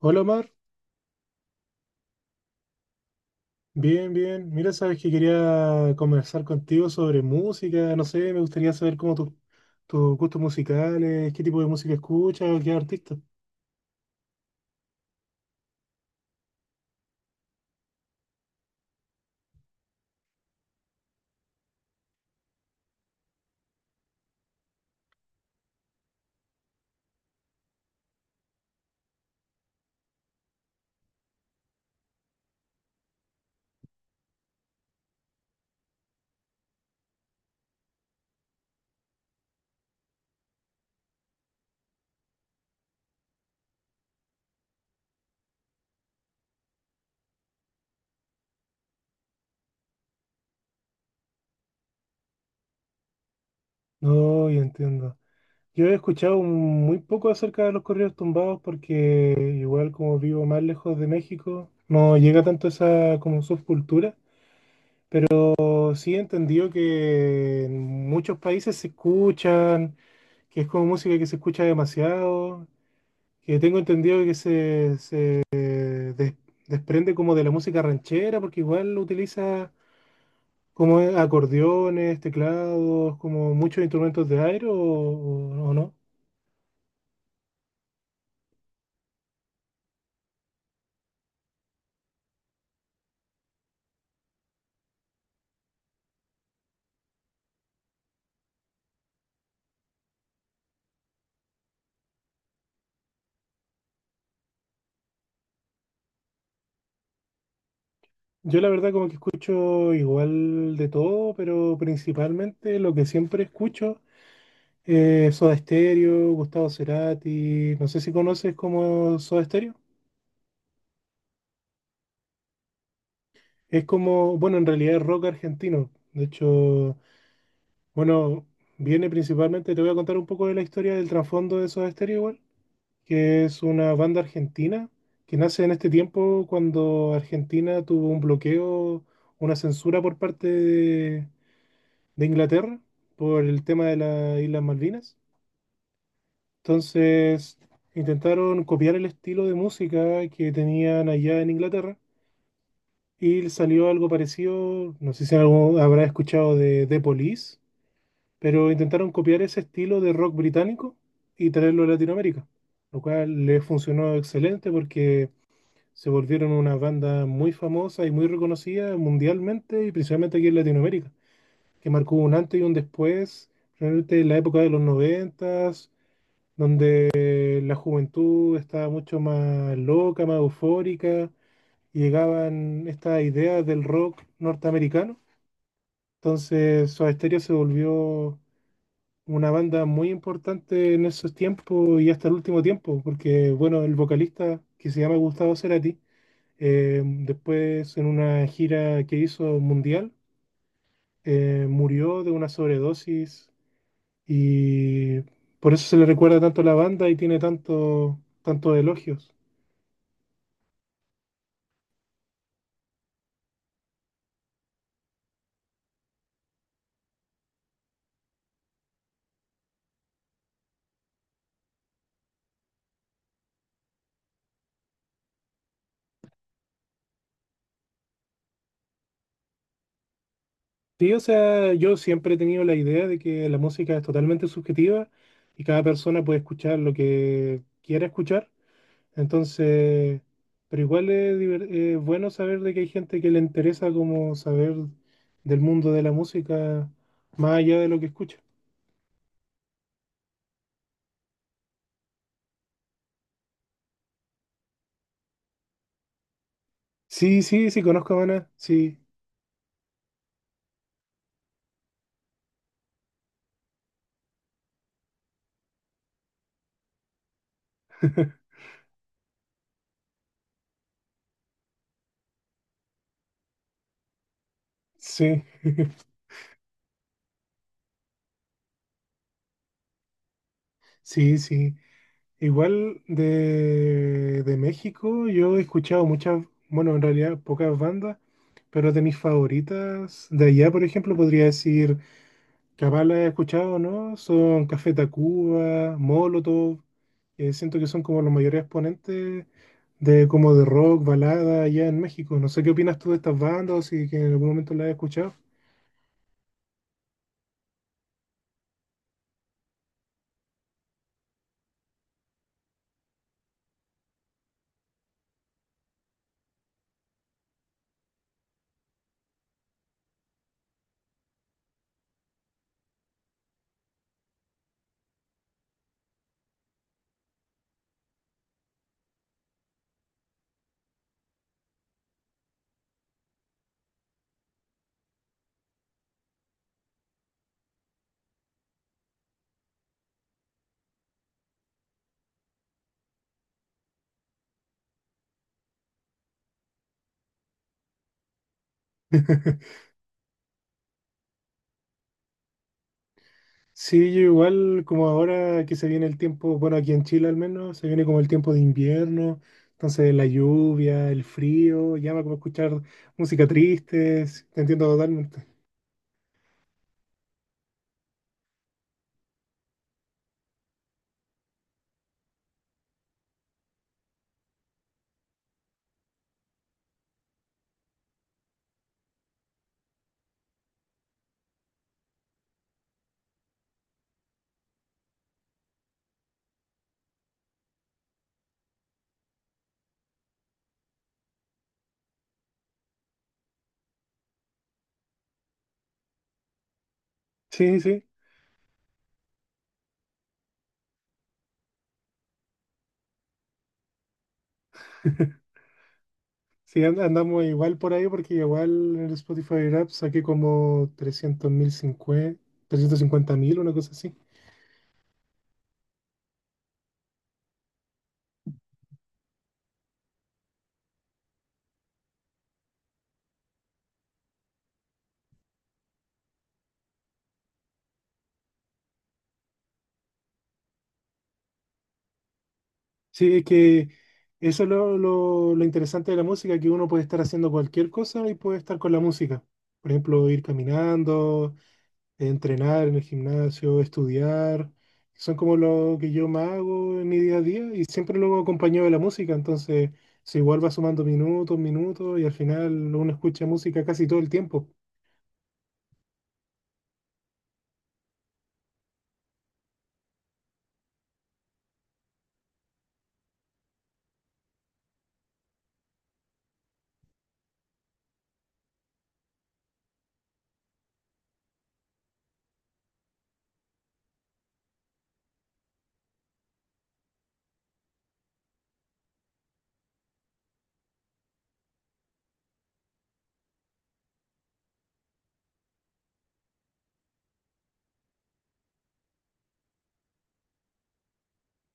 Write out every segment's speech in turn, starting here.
Hola Omar, bien, bien. Mira, sabes que quería conversar contigo sobre música, no sé, me gustaría saber cómo tus gustos musicales, qué tipo de música escuchas o qué artista. No, ya entiendo. Yo he escuchado muy poco acerca de los corridos tumbados porque igual como vivo más lejos de México, no llega tanto esa como subcultura, pero sí he entendido que en muchos países se escuchan, que es como música que se escucha demasiado, que tengo entendido que se des- desprende como de la música ranchera, porque igual utiliza como acordeones, teclados, como muchos instrumentos de aire o no. Yo la verdad como que escucho igual de todo, pero principalmente lo que siempre escucho es Soda Stereo, Gustavo Cerati, no sé si conoces como Soda Stereo. Es como, bueno, en realidad es rock argentino. De hecho, bueno, viene principalmente, te voy a contar un poco de la historia del trasfondo de Soda Stereo igual, que es una banda argentina que nace en este tiempo cuando Argentina tuvo un bloqueo, una censura por parte de Inglaterra por el tema de las Islas Malvinas. Entonces intentaron copiar el estilo de música que tenían allá en Inglaterra y salió algo parecido, no sé si algo habrá escuchado de The Police, pero intentaron copiar ese estilo de rock británico y traerlo a Latinoamérica, lo cual les funcionó excelente porque se volvieron una banda muy famosa y muy reconocida mundialmente y principalmente aquí en Latinoamérica, que marcó un antes y un después, realmente en la época de los noventas, donde la juventud estaba mucho más loca, más eufórica, y llegaban estas ideas del rock norteamericano. Entonces, Soda Stereo se volvió una banda muy importante en esos tiempos y hasta el último tiempo, porque bueno, el vocalista que se llama Gustavo Cerati, después en una gira que hizo mundial, murió de una sobredosis y por eso se le recuerda tanto a la banda y tiene tanto, tantos elogios. Sí, o sea, yo siempre he tenido la idea de que la música es totalmente subjetiva y cada persona puede escuchar lo que quiera escuchar. Entonces, pero igual es, es bueno saber de que hay gente que le interesa como saber del mundo de la música más allá de lo que escucha. Sí, sí, sí, conozco a Maná, sí, sí, sí, sí. Igual de México yo he escuchado muchas, bueno, en realidad pocas bandas, pero de mis favoritas de allá, por ejemplo, podría decir, capaz la he escuchado, ¿no? Son Café Tacuba, Molotov. Siento que son como los mayores exponentes de como de rock, balada allá en México. No sé qué opinas tú de estas bandas o si que en algún momento las has escuchado. Sí, yo igual como ahora que se viene el tiempo, bueno, aquí en Chile al menos, se viene como el tiempo de invierno, entonces la lluvia, el frío, llama como escuchar música triste, sí, te entiendo totalmente. Sí, sí. Sí, andamos igual por ahí porque igual en el Spotify Rap saqué como 300.000, 350.000, una cosa así. Sí, es que eso es lo interesante de la música, que uno puede estar haciendo cualquier cosa y puede estar con la música. Por ejemplo, ir caminando, entrenar en el gimnasio, estudiar. Son como lo que yo más hago en mi día a día y siempre lo hago acompañado de la música. Entonces, se igual va sumando minutos, minutos, y al final uno escucha música casi todo el tiempo.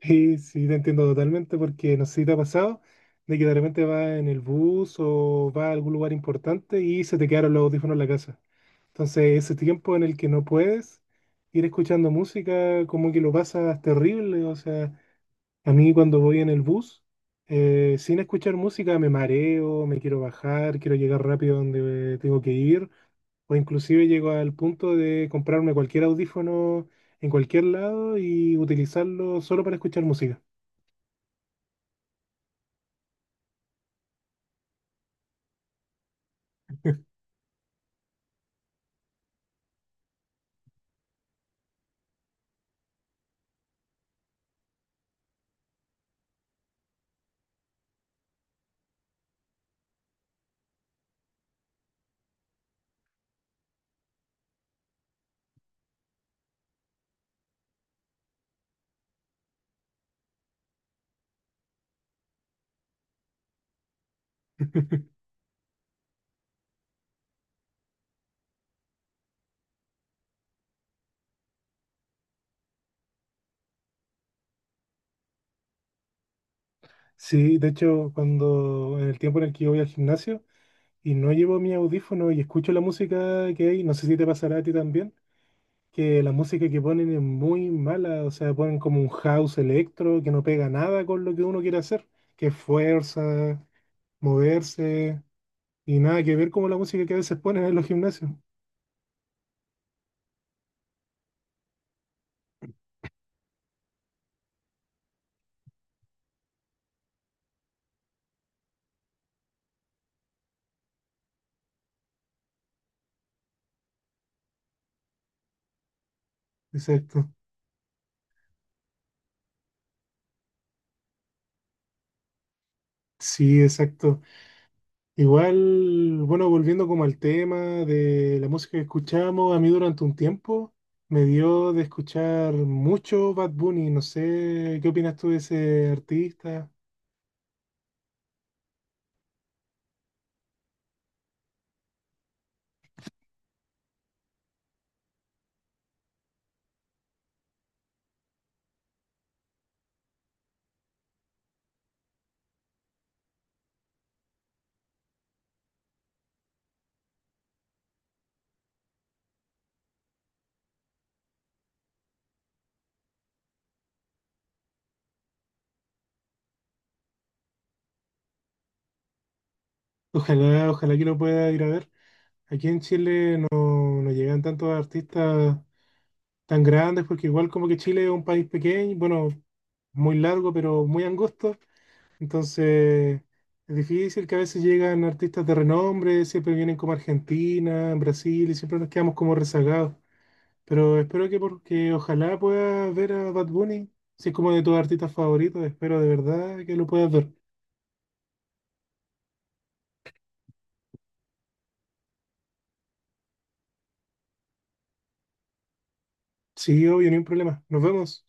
Sí, sí, te entiendo totalmente porque no sé si te ha pasado de que de repente vas en el bus o vas a algún lugar importante y se te quedaron los audífonos en la casa. Entonces, ese tiempo en el que no puedes ir escuchando música, como que lo pasas terrible. O sea, a mí cuando voy en el bus, sin escuchar música me mareo, me quiero bajar, quiero llegar rápido donde tengo que ir, o inclusive llego al punto de comprarme cualquier audífono en cualquier lado y utilizarlo solo para escuchar música. Sí, de hecho, cuando en el tiempo en el que yo voy al gimnasio y no llevo mi audífono y escucho la música que hay, no sé si te pasará a ti también, que la música que ponen es muy mala, o sea, ponen como un house electro que no pega nada con lo que uno quiere hacer, que es fuerza, moverse, y nada que ver como la música que a veces ponen en los gimnasios. Exacto. Sí, exacto. Igual, bueno, volviendo como al tema de la música que escuchamos, a mí durante un tiempo me dio de escuchar mucho Bad Bunny. No sé, ¿qué opinas tú de ese artista? Ojalá, ojalá que lo pueda ir a ver. Aquí en Chile no, no llegan tantos artistas tan grandes porque igual como que Chile es un país pequeño, bueno, muy largo, pero muy angosto. Entonces, es difícil que a veces llegan artistas de renombre, siempre vienen como Argentina, en Brasil, y siempre nos quedamos como rezagados. Pero espero que porque ojalá puedas ver a Bad Bunny, si es como de tus artistas favoritos, espero de verdad que lo puedas ver. Sí, obvio, ni un problema. Nos vemos.